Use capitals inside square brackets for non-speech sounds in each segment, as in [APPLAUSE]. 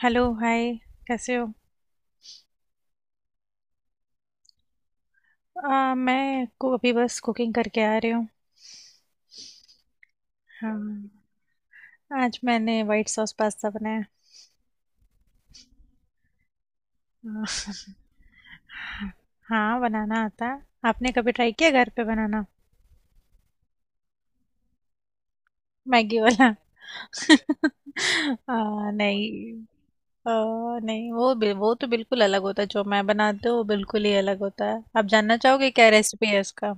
Hello hi. कैसे हो? मैं को अभी बस कुकिंग करके आ रही हूँ। हाँ। आज मैंने वाइट सॉस पास्ता बनाया। [LAUGHS] हाँ। हाँ, बनाना आता है। आपने कभी ट्राई किया घर पे बनाना? मैगी वाला। [LAUGHS] नहीं। आ, नहीं, वो तो बिल्कुल अलग होता है जो मैं बनाती हूँ, वो बिल्कुल ही अलग होता है। आप जानना चाहोगे क्या रेसिपी है इसका?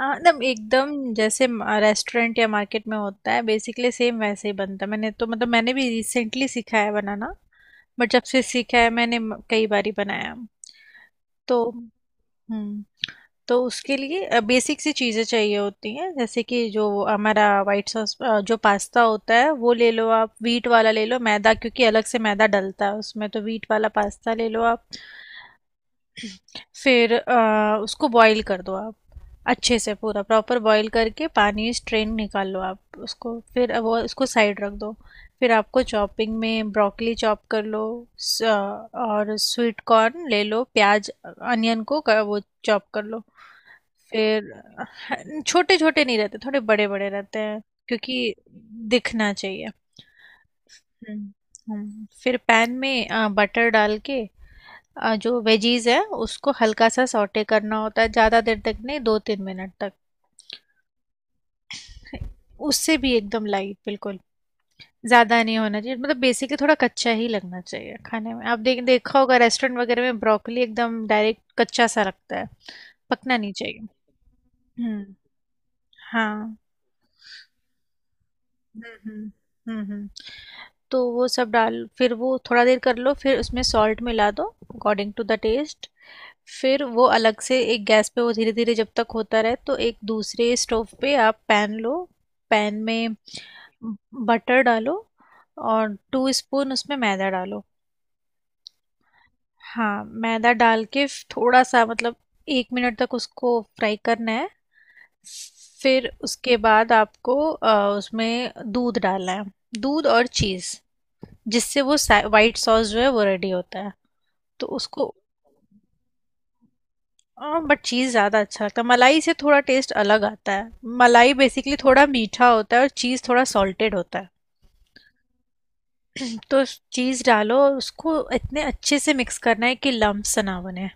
ना एकदम जैसे रेस्टोरेंट या मार्केट में होता है बेसिकली सेम वैसे ही बनता है। मैंने तो मतलब मैंने भी रिसेंटली सीखा है बनाना। बट जब से सीखा है मैंने कई बारी बनाया। तो हम्म। तो उसके लिए बेसिक सी चीज़ें चाहिए होती हैं, जैसे कि जो हमारा वाइट सॉस जो पास्ता होता है वो ले लो आप, वीट वाला ले लो मैदा, क्योंकि अलग से मैदा डलता है उसमें, तो वीट वाला पास्ता ले लो आप। फिर उसको बॉईल कर दो आप। अच्छे से पूरा प्रॉपर बॉईल करके पानी स्ट्रेन निकाल लो आप उसको, फिर अब वो उसको साइड रख दो। फिर आपको चॉपिंग में ब्रोकली चॉप कर लो। स- और स्वीट कॉर्न ले लो। प्याज अनियन को वो चॉप कर लो। फिर छोटे छोटे नहीं रहते, थोड़े बड़े बड़े रहते हैं, क्योंकि दिखना चाहिए। हम्म। हम्म। फिर पैन में बटर डाल के जो वेजीज है उसको हल्का सा सौटे करना होता है, ज़्यादा देर तक नहीं, दो तीन मिनट तक। उससे भी एकदम लाइट बिल्कुल। ज्यादा नहीं होना चाहिए, मतलब बेसिकली थोड़ा कच्चा ही लगना चाहिए खाने में। आप देखा होगा रेस्टोरेंट वगैरह में ब्रोकली एकदम डायरेक्ट कच्चा सा लगता है, पकना नहीं चाहिए। हम्म। हाँ। हम्म। हम्म हम्म। तो वो सब डाल फिर वो थोड़ा देर कर लो, फिर उसमें सॉल्ट मिला दो, अकॉर्डिंग टू द टेस्ट। फिर वो अलग से एक गैस पे वो धीरे धीरे जब तक होता रहे, तो एक दूसरे स्टोव पे आप पैन लो। पैन में बटर डालो और टू स्पून उसमें मैदा डालो। हाँ, मैदा डाल के थोड़ा सा मतलब एक मिनट तक उसको फ्राई करना है। फिर उसके बाद आपको उसमें दूध डालना है। दूध और चीज़, जिससे वो वाइट सॉस जो है वो रेडी होता है। तो उसको, हाँ, बट चीज़ ज़्यादा अच्छा लगता है, मलाई से थोड़ा टेस्ट अलग आता है। मलाई बेसिकली थोड़ा मीठा होता है और चीज़ थोड़ा सॉल्टेड होता है। तो चीज़ डालो और उसको इतने अच्छे से मिक्स करना है कि लम्प्स ना बने।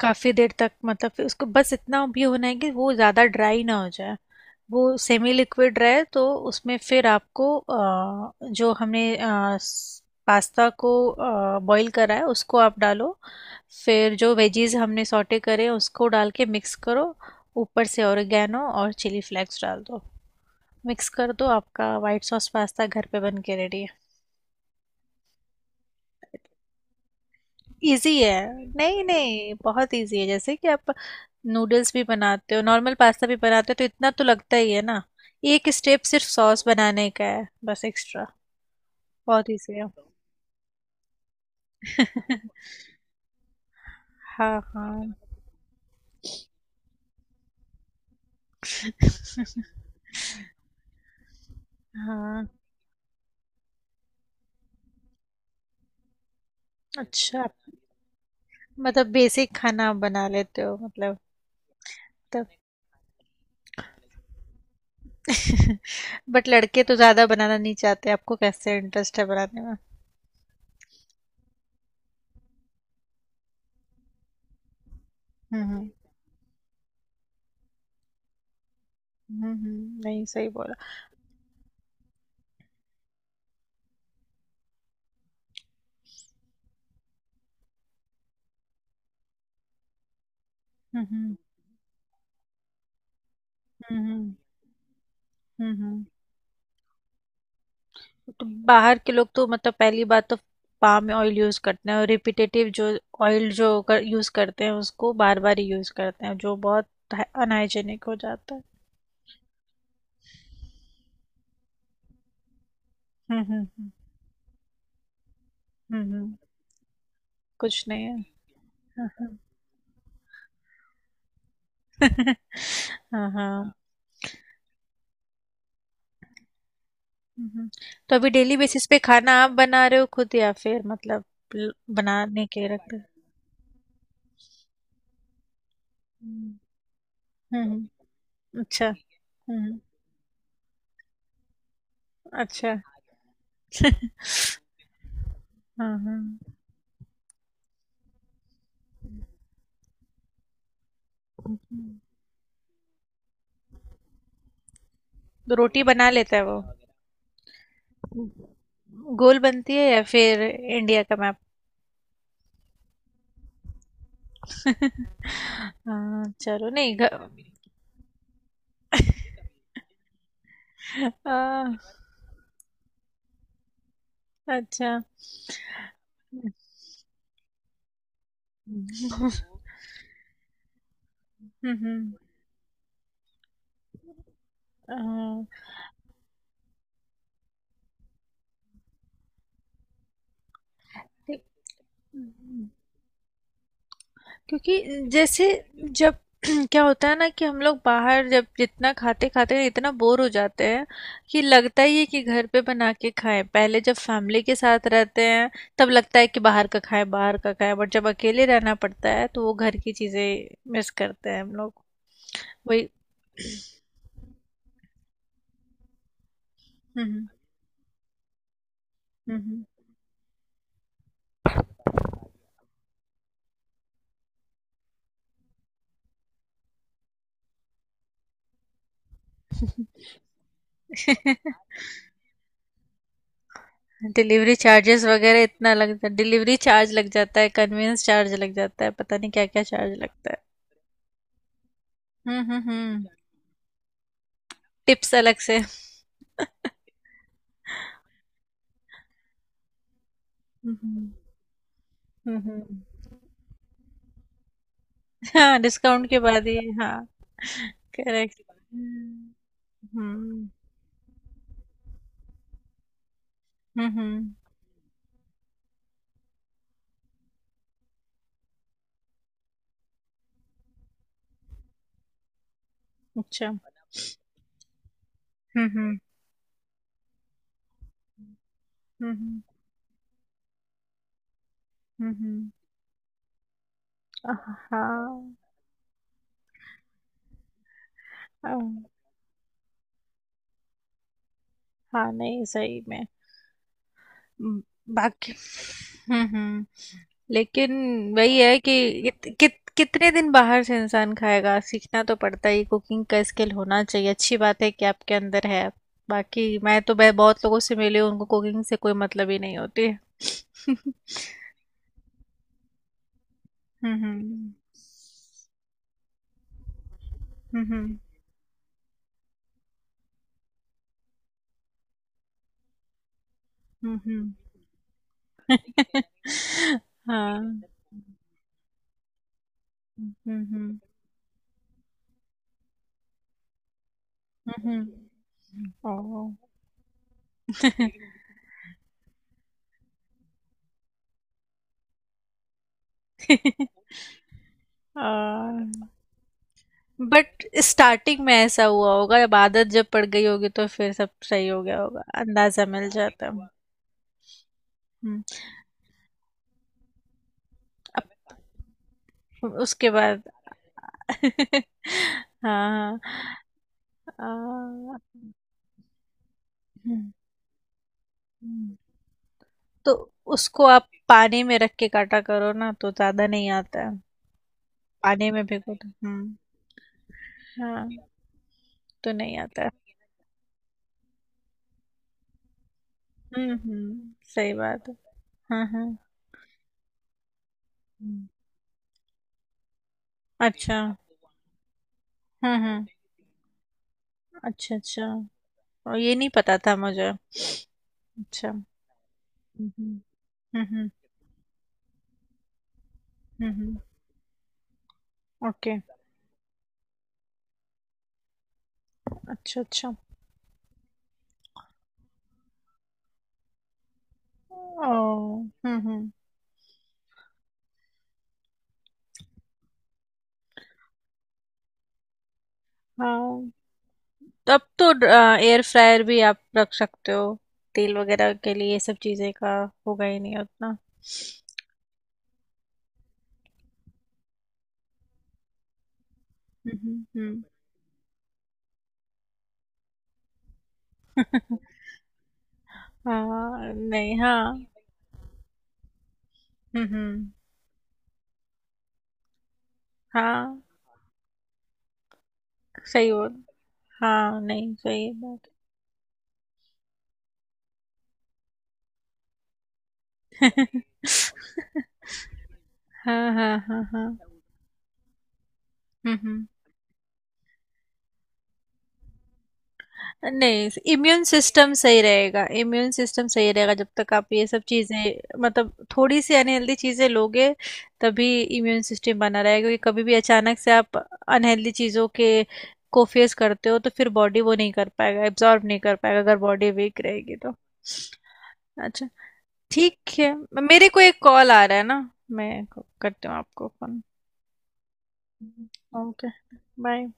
काफ़ी देर तक, मतलब फिर उसको बस इतना भी होना है कि वो ज़्यादा ड्राई ना हो जाए, वो सेमी लिक्विड रहे। तो उसमें फिर आपको जो हमने पास्ता को बॉईल करा है उसको आप डालो। फिर जो वेजीज हमने सॉटे करे हैं, उसको डाल के मिक्स करो। ऊपर से ओरिगेनो और चिली फ्लेक्स डाल दो। मिक्स कर दो। आपका वाइट सॉस पास्ता घर पे बन के रेडी है। इजी है। नहीं नहीं, बहुत इजी है। जैसे कि आप नूडल्स भी बनाते हो, नॉर्मल पास्ता भी बनाते हो, तो इतना तो लगता ही है ना। एक स्टेप सिर्फ सॉस बनाने का है बस एक्स्ट्रा। बहुत इजी है। [LAUGHS] हाँ हाँ हाँ। अच्छा, मतलब बेसिक खाना आप बना लेते हो मतलब। तब। [LAUGHS] बट लड़के तो ज्यादा बनाना नहीं चाहते, आपको कैसे इंटरेस्ट है बनाने में? हम्म। नहीं सही बोला। हम्म। हम्म। हम्म हम्म। तो बाहर के लोग तो मतलब पहली बात तो पाम ऑयल यूज़ करते हैं और रिपीटेटिव जो ऑयल यूज़ करते हैं उसको बार बार ही यूज़ करते हैं, जो बहुत अनहाइजेनिक हो जाता है। हम्म। हम्म हम्म, हम्म, कुछ नहीं है। हाँ हाँ। [LAUGHS] हाँ, हाँ, हम्म। तो अभी डेली बेसिस पे खाना आप बना रहे हो खुद, या फिर मतलब बनाने के रखते हो? हम्म। हम्म, अच्छा। हम्म हम्म। अच्छा। हाँ हाँ। हम्म। तो रोटी बना लेता है वो? गोल बनती है या फिर इंडिया का मैप? [LAUGHS] हाँ, चलो नहीं आ, अच्छा। [LAUGHS] हम्म हम्म, हाँ, ठीक। क्योंकि जैसे जब [CLEARS THROAT] क्या होता है ना कि हम लोग बाहर जब जितना खाते खाते इतना बोर हो जाते हैं कि लगता ही है कि घर पे बना के खाएं। पहले जब फैमिली के साथ रहते हैं तब लगता है कि बाहर का खाएं बाहर का खाएं, बट जब अकेले रहना पड़ता है तो वो घर की चीजें मिस करते हैं हम लोग। वही। हम्म हम्म। [LAUGHS] डिलीवरी चार्जेस वगैरह इतना लग जाता है, डिलीवरी चार्ज लग जाता है, कन्वेंस चार्ज लग जाता है, पता नहीं क्या क्या चार्ज लगता है। हम्म। टिप्स अलग से। हम्म हम्म। हाँ। [LAUGHS] डिस्काउंट के बाद ही। हाँ। करेक्ट। हम्म। हम्म हम्म, अच्छा। हम्म। हम्म। हाँ हाँ। हाँ, नहीं सही में। म, बाकी। हम्म। लेकिन वही है कि कित, कित, कितने दिन बाहर से इंसान खाएगा, सीखना तो पड़ता ही। कुकिंग का स्किल होना चाहिए, अच्छी बात है कि आपके अंदर है। बाकी मैं तो मैं बहुत लोगों से मिली हूँ, उनको कुकिंग से कोई मतलब ही नहीं होती। [LAUGHS] हुँ, हुँ। हुँ, हुँ। हुँ, हुँ। [LAUGHS] हाँ। हुँ, हुँ। हुँ, हुँ। ओह! अ, बट स्टार्टिंग में ऐसा हुआ होगा, जब आदत जब पड़ गई होगी तो फिर सब सही हो गया होगा, अंदाज़ा मिल जाता है। हुँ, अब उसके बाद। [LAUGHS] हाँ, हाँ। हुँ, हुँ। तो उसको आप पानी में रख के काटा करो ना, तो ज़्यादा नहीं आता है, पानी में भिगो दो। हुँ। हाँ, तो नहीं आता है। हम्म, सही बात है। हाँ हाँ। हम्म, अच्छा। हम्म। अच्छा अच्छा। और ये नहीं पता था मुझे। अच्छा। हम्म हम्म। हम्म। ओके। अच्छा अच्छा। ओ। हम्म। हाँ, तब तो एयर फ्रायर भी आप रख सकते हो तेल वगैरह के लिए, ये सब चीज़ें का होगा ही नहीं उतना। हम्म। [LAUGHS] हाँ, नहीं हाँ। हम्म। हाँ, सही बोल। हाँ, नहीं, सही बात है। [LAUGHS] हाँ, हाँ, हाँ, हाँ। हुँ, हुँ। नहीं, इम्यून सिस्टम सही रहेगा। इम्यून सिस्टम सही रहेगा जब तक आप ये सब चीज़ें मतलब थोड़ी सी अनहेल्दी चीज़ें लोगे, तभी इम्यून सिस्टम बना रहेगा। क्योंकि कभी भी अचानक से आप अनहेल्दी चीज़ों के को फेस करते हो, तो फिर बॉडी वो नहीं कर पाएगा, एब्जॉर्ब नहीं कर पाएगा अगर बॉडी वीक रहेगी तो। अच्छा। ठीक है। मेरे को एक कॉल आ रहा है ना, मैं करती हूँ आपको फोन। ओके। बाय।